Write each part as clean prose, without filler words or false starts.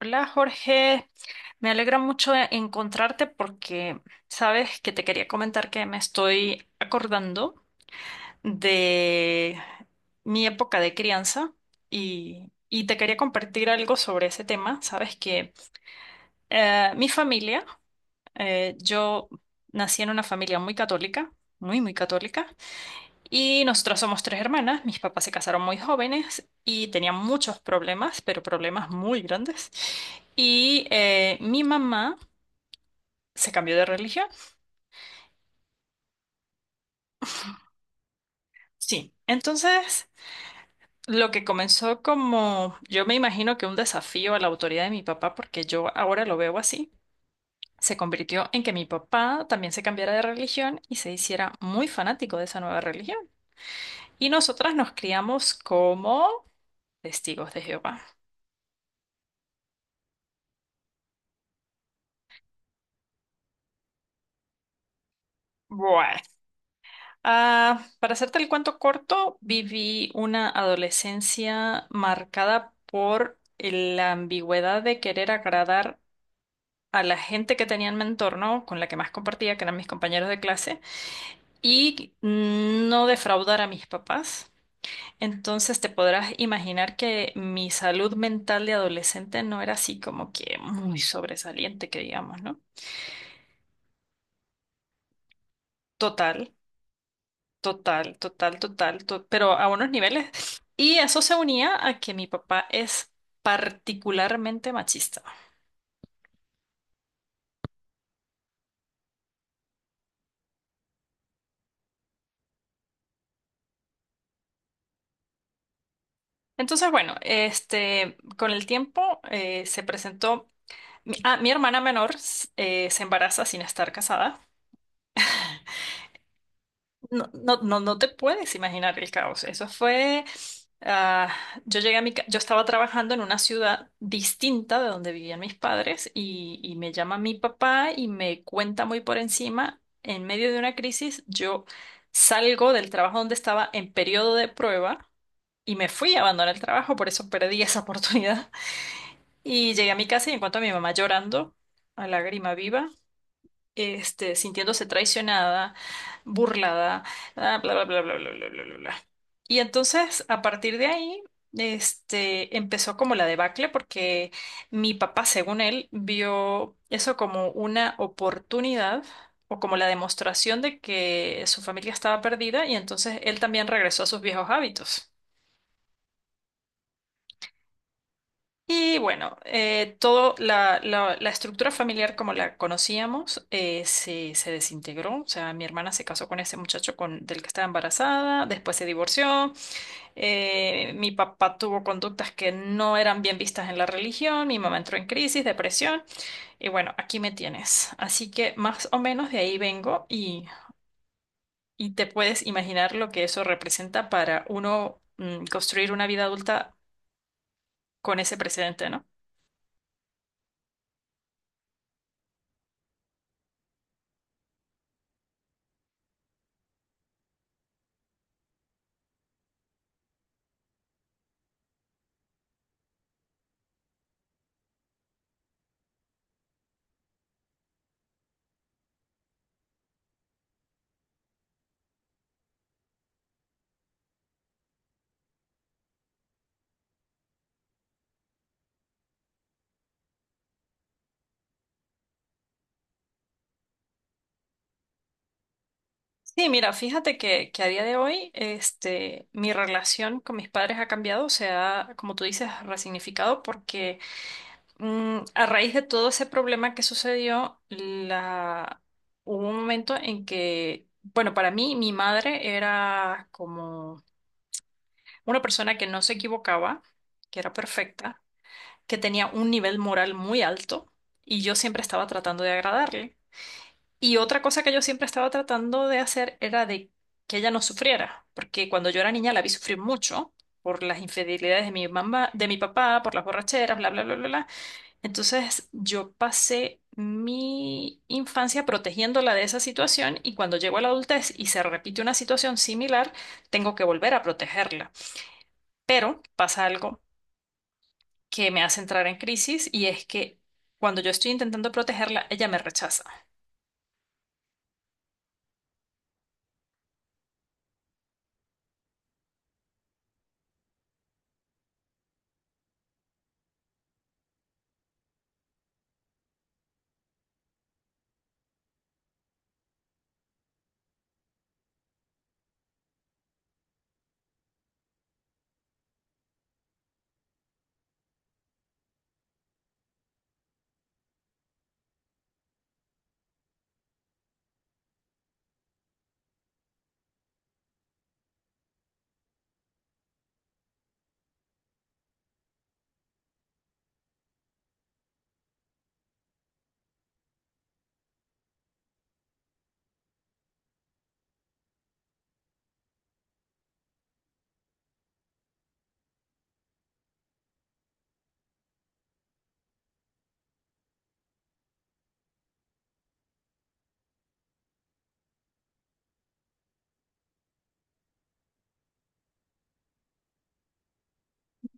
Hola Jorge, me alegra mucho encontrarte porque sabes que te quería comentar que me estoy acordando de mi época de crianza y te quería compartir algo sobre ese tema. Sabes que mi familia, yo nací en una familia muy católica, muy, muy católica. Y nosotras somos tres hermanas, mis papás se casaron muy jóvenes y tenían muchos problemas, pero problemas muy grandes. Y mi mamá se cambió de religión. Sí, entonces lo que comenzó como, yo me imagino que un desafío a la autoridad de mi papá, porque yo ahora lo veo así, se convirtió en que mi papá también se cambiara de religión y se hiciera muy fanático de esa nueva religión. Y nosotras nos criamos como testigos de Jehová. Bueno. Ah, para hacerte el cuento corto, viví una adolescencia marcada por la ambigüedad de querer agradar a la gente que tenía en mi entorno, con la que más compartía, que eran mis compañeros de clase, y no defraudar a mis papás. Entonces te podrás imaginar que mi salud mental de adolescente no era así como que muy sobresaliente, que digamos, ¿no? Total. Total, total, total, pero a unos niveles. Y eso se unía a que mi papá es particularmente machista. Entonces, bueno, este, con el tiempo se presentó, mi hermana menor se embaraza sin estar casada. No, no, no, no te puedes imaginar el caos. Eso fue, ah, yo llegué a yo estaba trabajando en una ciudad distinta de donde vivían mis padres y me llama mi papá y me cuenta muy por encima, en medio de una crisis, yo salgo del trabajo donde estaba en periodo de prueba y me fui a abandonar el trabajo, por eso perdí esa oportunidad. Y llegué a mi casa y encuentro a mi mamá llorando a lágrima viva, este, sintiéndose traicionada, burlada, bla, bla, bla, bla, bla, bla, bla, bla, bla. Y entonces, a partir de ahí, este, empezó como la debacle porque mi papá, según él, vio eso como una oportunidad o como la demostración de que su familia estaba perdida y entonces él también regresó a sus viejos hábitos. Y bueno, todo la, la estructura familiar como la conocíamos se desintegró. O sea, mi hermana se casó con ese muchacho del que estaba embarazada, después se divorció. Eh, mi papá tuvo conductas que no eran bien vistas en la religión. Mi mamá entró en crisis, depresión. Y bueno, aquí me tienes. Así que más o menos de ahí vengo, y te puedes imaginar lo que eso representa para uno, construir una vida adulta con ese precedente, ¿no? Sí, mira, fíjate que a día de hoy, este, mi relación con mis padres ha cambiado, se ha, como tú dices, resignificado porque a raíz de todo ese problema que sucedió. Hubo un momento en que, bueno, para mí, mi madre era como una persona que no se equivocaba, que era perfecta, que tenía un nivel moral muy alto y yo siempre estaba tratando de agradarle. Y otra cosa que yo siempre estaba tratando de hacer era de que ella no sufriera, porque cuando yo era niña la vi sufrir mucho por las infidelidades de mi mamá, de mi papá, por las borracheras, bla, bla, bla, bla, bla. Entonces yo pasé mi infancia protegiéndola de esa situación y cuando llego a la adultez y se repite una situación similar, tengo que volver a protegerla. Pero pasa algo que me hace entrar en crisis y es que cuando yo estoy intentando protegerla, ella me rechaza.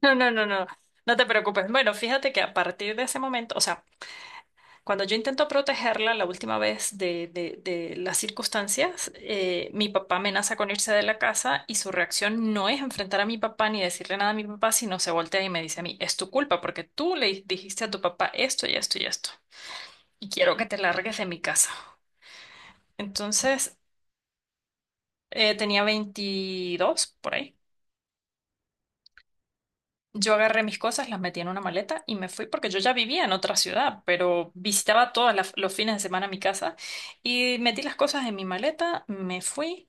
No, no, no, no, no te preocupes. Bueno, fíjate que a partir de ese momento, o sea, cuando yo intento protegerla la última vez de, de las circunstancias, mi papá amenaza con irse de la casa y su reacción no es enfrentar a mi papá ni decirle nada a mi papá, sino se voltea y me dice a mí, es tu culpa porque tú le dijiste a tu papá esto y esto y esto, y quiero que te largues de mi casa. Entonces, tenía 22 por ahí. Yo agarré mis cosas, las metí en una maleta y me fui porque yo ya vivía en otra ciudad, pero visitaba todos los fines de semana mi casa y metí las cosas en mi maleta, me fui,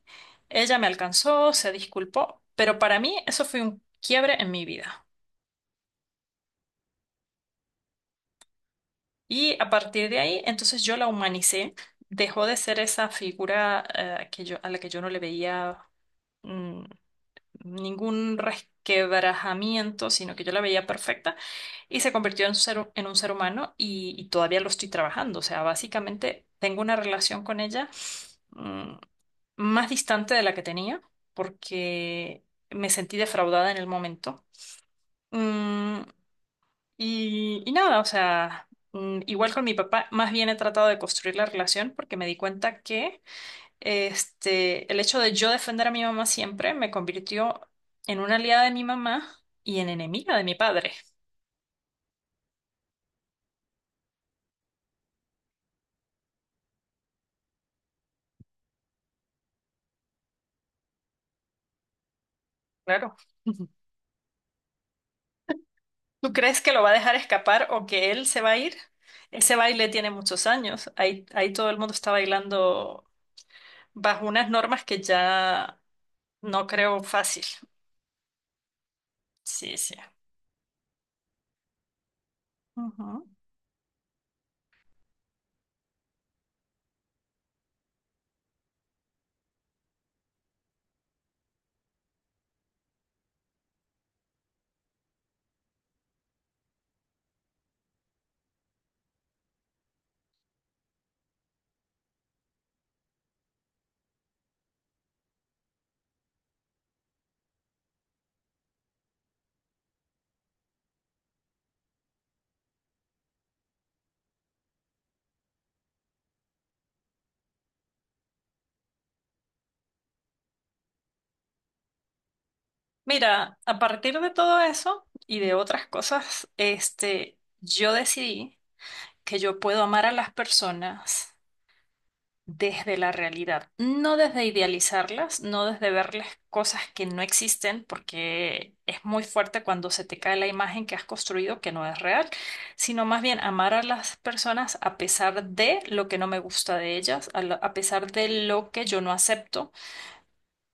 ella me alcanzó, se disculpó, pero para mí eso fue un quiebre en mi vida. Y a partir de ahí, entonces yo la humanicé, dejó de ser esa figura, a la que yo no le veía mm, ningún resquebrajamiento, sino que yo la veía perfecta y se convirtió en un ser, en un ser humano, y todavía lo estoy trabajando. O sea, básicamente tengo una relación con ella mm, más distante de la que tenía porque me sentí defraudada en el momento. Mm, y nada, o sea, igual con mi papá, más bien he tratado de construir la relación porque me di cuenta que este, el hecho de yo defender a mi mamá siempre me convirtió en una aliada de mi mamá y en enemiga de mi padre. Claro. ¿Tú crees que lo va a dejar escapar o que él se va a ir? Ese baile tiene muchos años. Ahí, todo el mundo está bailando bajo unas normas que ya no creo fácil. Sí, sí. Ujú. Mira, a partir de todo eso y de otras cosas, este, yo decidí que yo puedo amar a las personas desde la realidad, no desde idealizarlas, no desde verles cosas que no existen, porque es muy fuerte cuando se te cae la imagen que has construido que no es real, sino más bien amar a las personas a pesar de lo que no me gusta de ellas, a pesar de lo que yo no acepto,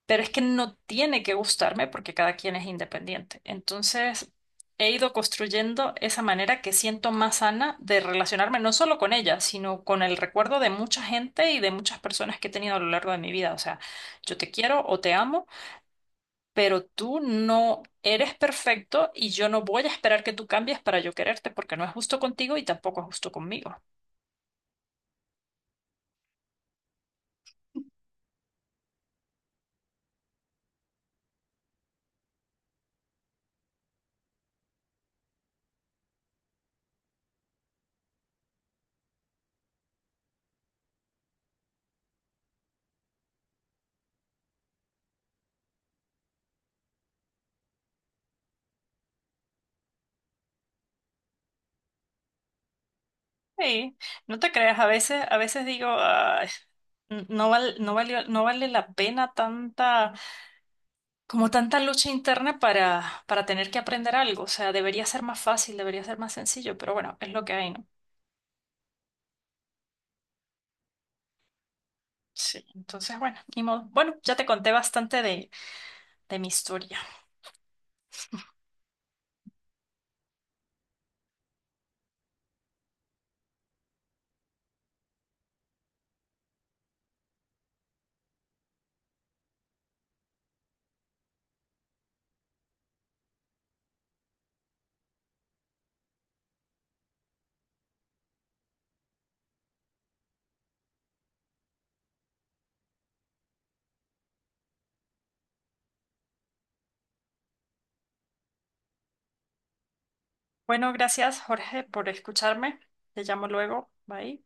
pero es que no tiene que gustarme porque cada quien es independiente. Entonces, he ido construyendo esa manera que siento más sana de relacionarme no solo con ella, sino con el recuerdo de mucha gente y de muchas personas que he tenido a lo largo de mi vida. O sea, yo te quiero o te amo, pero tú no eres perfecto y yo no voy a esperar que tú cambies para yo quererte porque no es justo contigo y tampoco es justo conmigo. Sí, no te creas, a veces digo, "Ay, no vale la pena tanta, como tanta lucha interna para tener que aprender algo. O sea, debería ser más fácil, debería ser más sencillo, pero bueno, es lo que hay, ¿no? Sí, entonces, bueno, ni modo. Bueno, ya te conté bastante de mi historia. Bueno, gracias, Jorge, por escucharme. Te llamo luego. Bye.